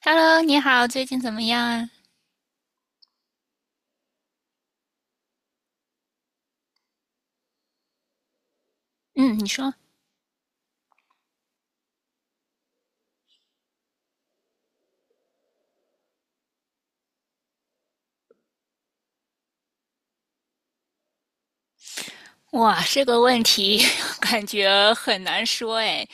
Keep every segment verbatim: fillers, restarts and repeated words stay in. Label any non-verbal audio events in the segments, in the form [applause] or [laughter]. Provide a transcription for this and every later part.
Hello，你好，最近怎么样啊？嗯，你说。哇，这个问题 [laughs] 感觉很难说哎。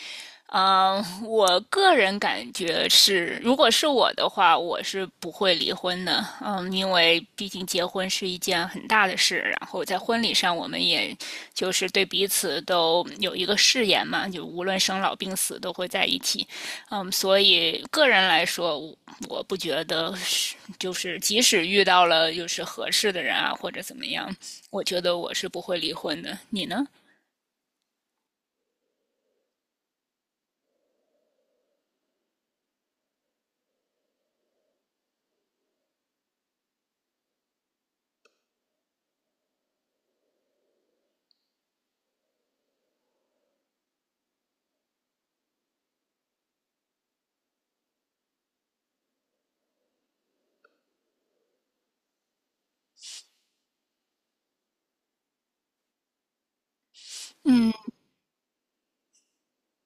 嗯，我个人感觉是，如果是我的话，我是不会离婚的。嗯，因为毕竟结婚是一件很大的事，然后在婚礼上，我们也就是对彼此都有一个誓言嘛，就无论生老病死都会在一起。嗯，所以个人来说，我我不觉得是，就是即使遇到了就是合适的人啊，或者怎么样，我觉得我是不会离婚的，你呢？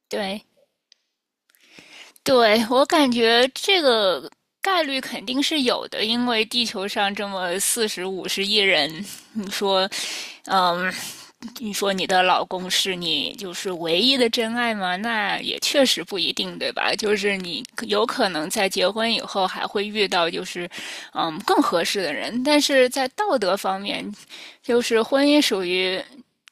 对，对，我感觉这个概率肯定是有的，因为地球上这么四十五十亿人，你说，嗯，你说你的老公是你就是唯一的真爱吗？那也确实不一定，对吧？就是你有可能在结婚以后还会遇到就是嗯更合适的人，但是在道德方面，就是婚姻属于。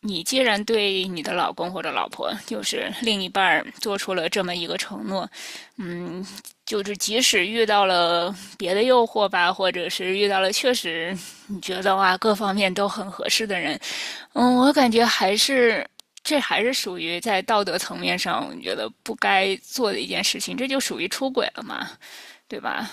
你既然对你的老公或者老婆，就是另一半儿做出了这么一个承诺，嗯，就是即使遇到了别的诱惑吧，或者是遇到了确实你觉得哇各方面都很合适的人，嗯，我感觉还是这还是属于在道德层面上，我觉得不该做的一件事情，这就属于出轨了嘛，对吧？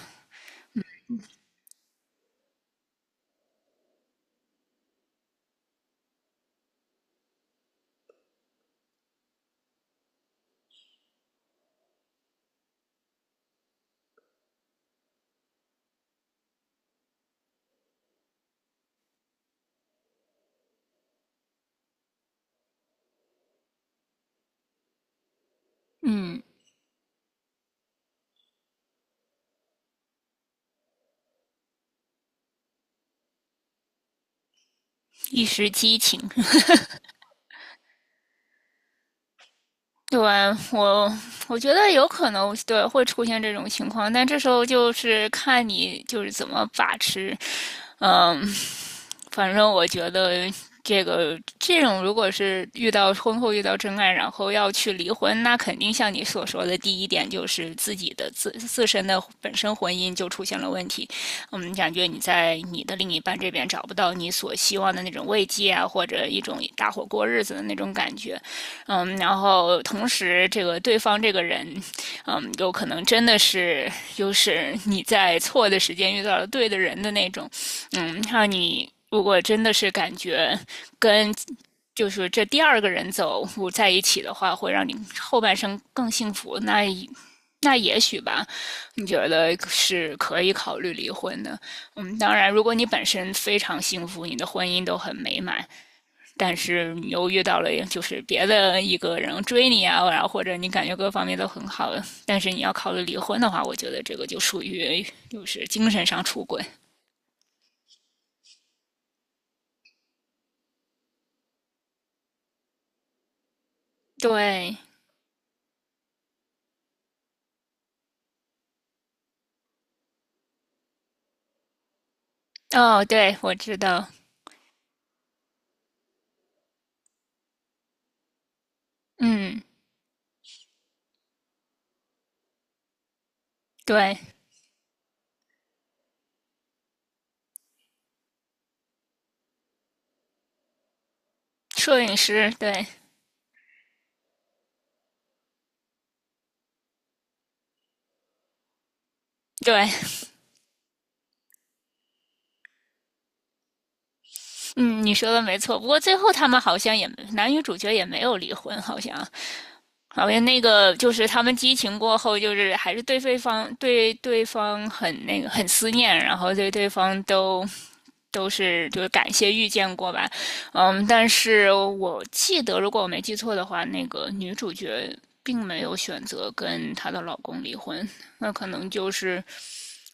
嗯，一时激情。对，我我觉得有可能对会出现这种情况，但这时候就是看你就是怎么把持。嗯，反正我觉得这个这种如果是遇到婚后遇到真爱，然后要去离婚，那肯定像你所说的第一点就是自己的自自身的本身婚姻就出现了问题。嗯，感觉你在你的另一半这边找不到你所希望的那种慰藉啊，或者一种搭伙过日子的那种感觉。嗯，然后同时这个对方这个人，嗯，有可能真的是就是你在错的时间遇到了对的人的那种，嗯，让你如果真的是感觉跟。就是这第二个人走我在一起的话，会让你后半生更幸福。那那也许吧，你觉得是可以考虑离婚的。嗯，当然，如果你本身非常幸福，你的婚姻都很美满，但是你又遇到了就是别的一个人追你啊，然后或者你感觉各方面都很好，但是你要考虑离婚的话，我觉得这个就属于就是精神上出轨。对，哦，对，我知道，嗯，对，摄影师，对。对，嗯，你说的没错。不过最后他们好像也男女主角也没有离婚，好像好像那个就是他们激情过后，就是还是对对方对对方很那个很思念，然后对对方都都是就是感谢遇见过吧，嗯，但是我记得如果我没记错的话，那个女主角并没有选择跟她的老公离婚，那可能就是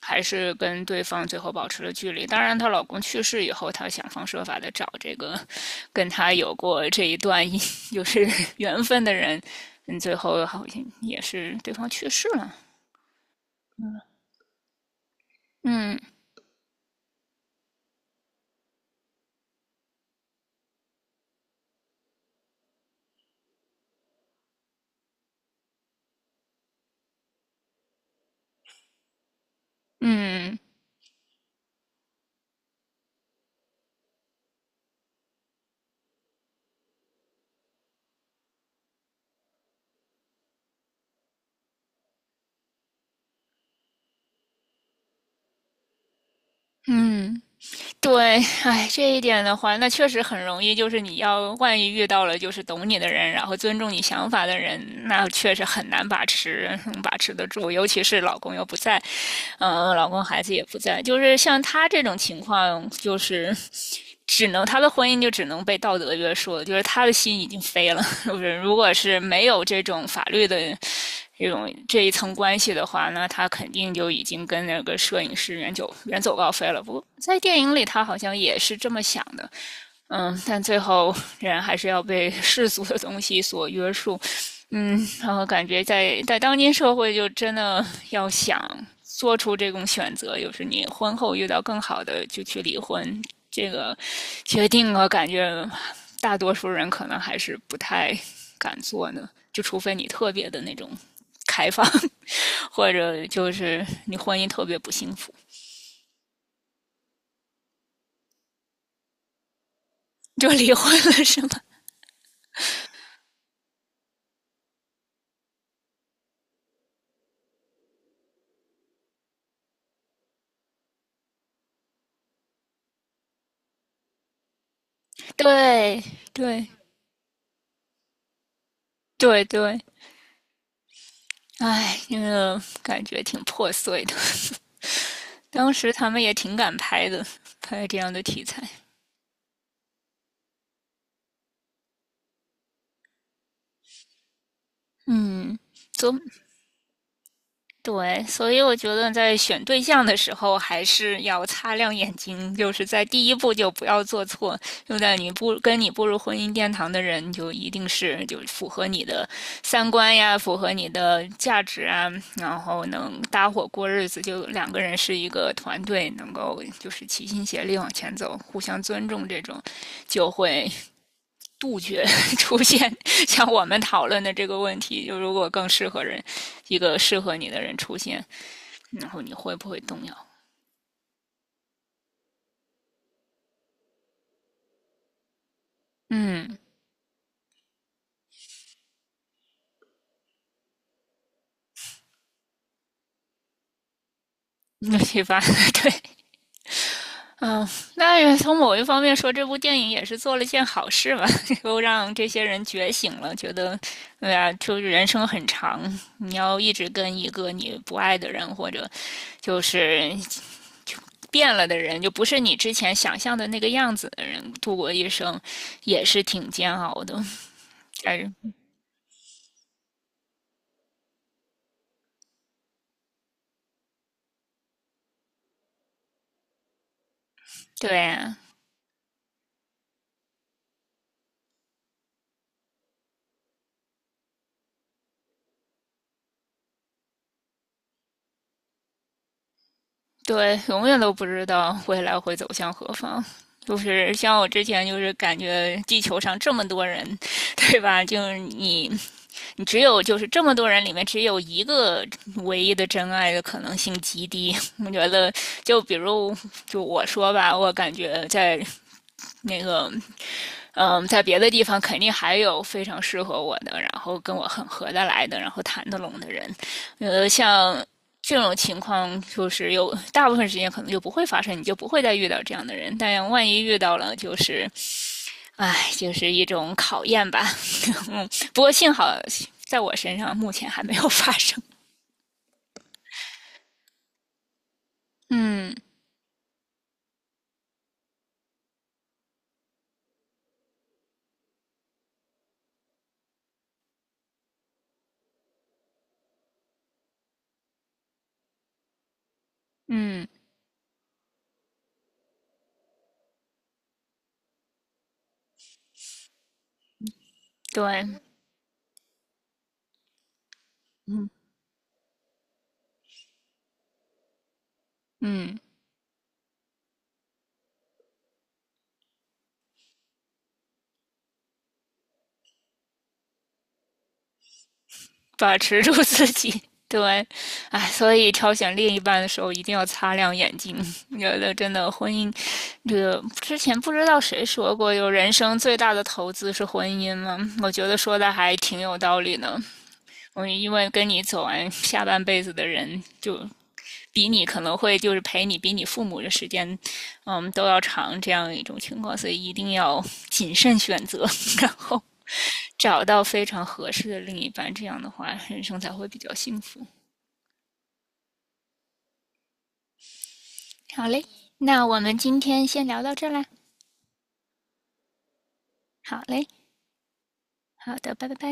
还是跟对方最后保持了距离。当然，她老公去世以后，她想方设法的找这个跟她有过这一段就 [laughs] 是缘分的人，嗯，最后好像也是对方去世了，嗯嗯嗯。对，哎，这一点的话，那确实很容易，就是你要万一遇到了就是懂你的人，然后尊重你想法的人，那确实很难把持，嗯把持得住。尤其是老公又不在，嗯、老公孩子也不在，就是像他这种情况，就是只能他的婚姻就只能被道德约束了，就是他的心已经飞了。[laughs] 就是如果是没有这种法律的这种这一层关系的话呢，他肯定就已经跟那个摄影师远走远走高飞了。不过在电影里，他好像也是这么想的，嗯，但最后人还是要被世俗的东西所约束，嗯，然后感觉在在当今社会，就真的要想做出这种选择，就是你婚后遇到更好的就去离婚，这个决定我感觉大多数人可能还是不太敢做呢，就除非你特别的那种开放，[laughs] 或者就是你婚姻特别不幸福，就离婚了是吗？[laughs] 对对对对。对对唉，那个感觉挺破碎的。[laughs] 当时他们也挺敢拍的，拍这样的题材。嗯，走。对，所以我觉得在选对象的时候，还是要擦亮眼睛，就是在第一步就不要做错。就在你步跟你步入婚姻殿堂的人，就一定是就符合你的三观呀，符合你的价值啊，然后能搭伙过日子，就两个人是一个团队，能够就是齐心协力往前走，互相尊重，这种就会杜绝 [laughs] 出现像我们讨论的这个问题，就如果更适合人，一个适合你的人出现。然后你会不会动摇？嗯 [laughs]，尤其发对，那从某一方面说，这部电影也是做了件好事吧，[laughs] 又让这些人觉醒了，觉得，对呀，就是人生很长，你要一直跟一个你不爱的人，或者就是变了的人，就不是你之前想象的那个样子的人度过一生，也是挺煎熬的。[laughs] 但是，对啊对，永远都不知道未来会走向何方。就是像我之前就是感觉地球上这么多人，对吧？就是你，你只有就是这么多人里面只有一个唯一的真爱的可能性极低。我觉得，就比如就我说吧，我感觉在那个嗯，在别的地方肯定还有非常适合我的，然后跟我很合得来的，然后谈得拢的人。呃，像这种情况，就是有大部分时间可能就不会发生，你就不会再遇到这样的人。但万一遇到了，就是哎，就是一种考验吧。[laughs] 嗯，不过幸好在我身上目前还没有发生。[laughs] 嗯嗯，对，嗯嗯。把持住自己。[laughs] 对，哎，所以挑选另一半的时候一定要擦亮眼睛。[laughs] 觉得真的婚姻，这个之前不知道谁说过，有人生最大的投资是婚姻吗？我觉得说的还挺有道理呢。我因为跟你走完下半辈子的人，就比你可能会就是陪你比你父母的时间，嗯，都要长这样一种情况，所以一定要谨慎选择，然后找到非常合适的另一半，这样的话人生才会比较幸福。好嘞，那我们今天先聊到这啦。好嘞，好的，拜拜拜。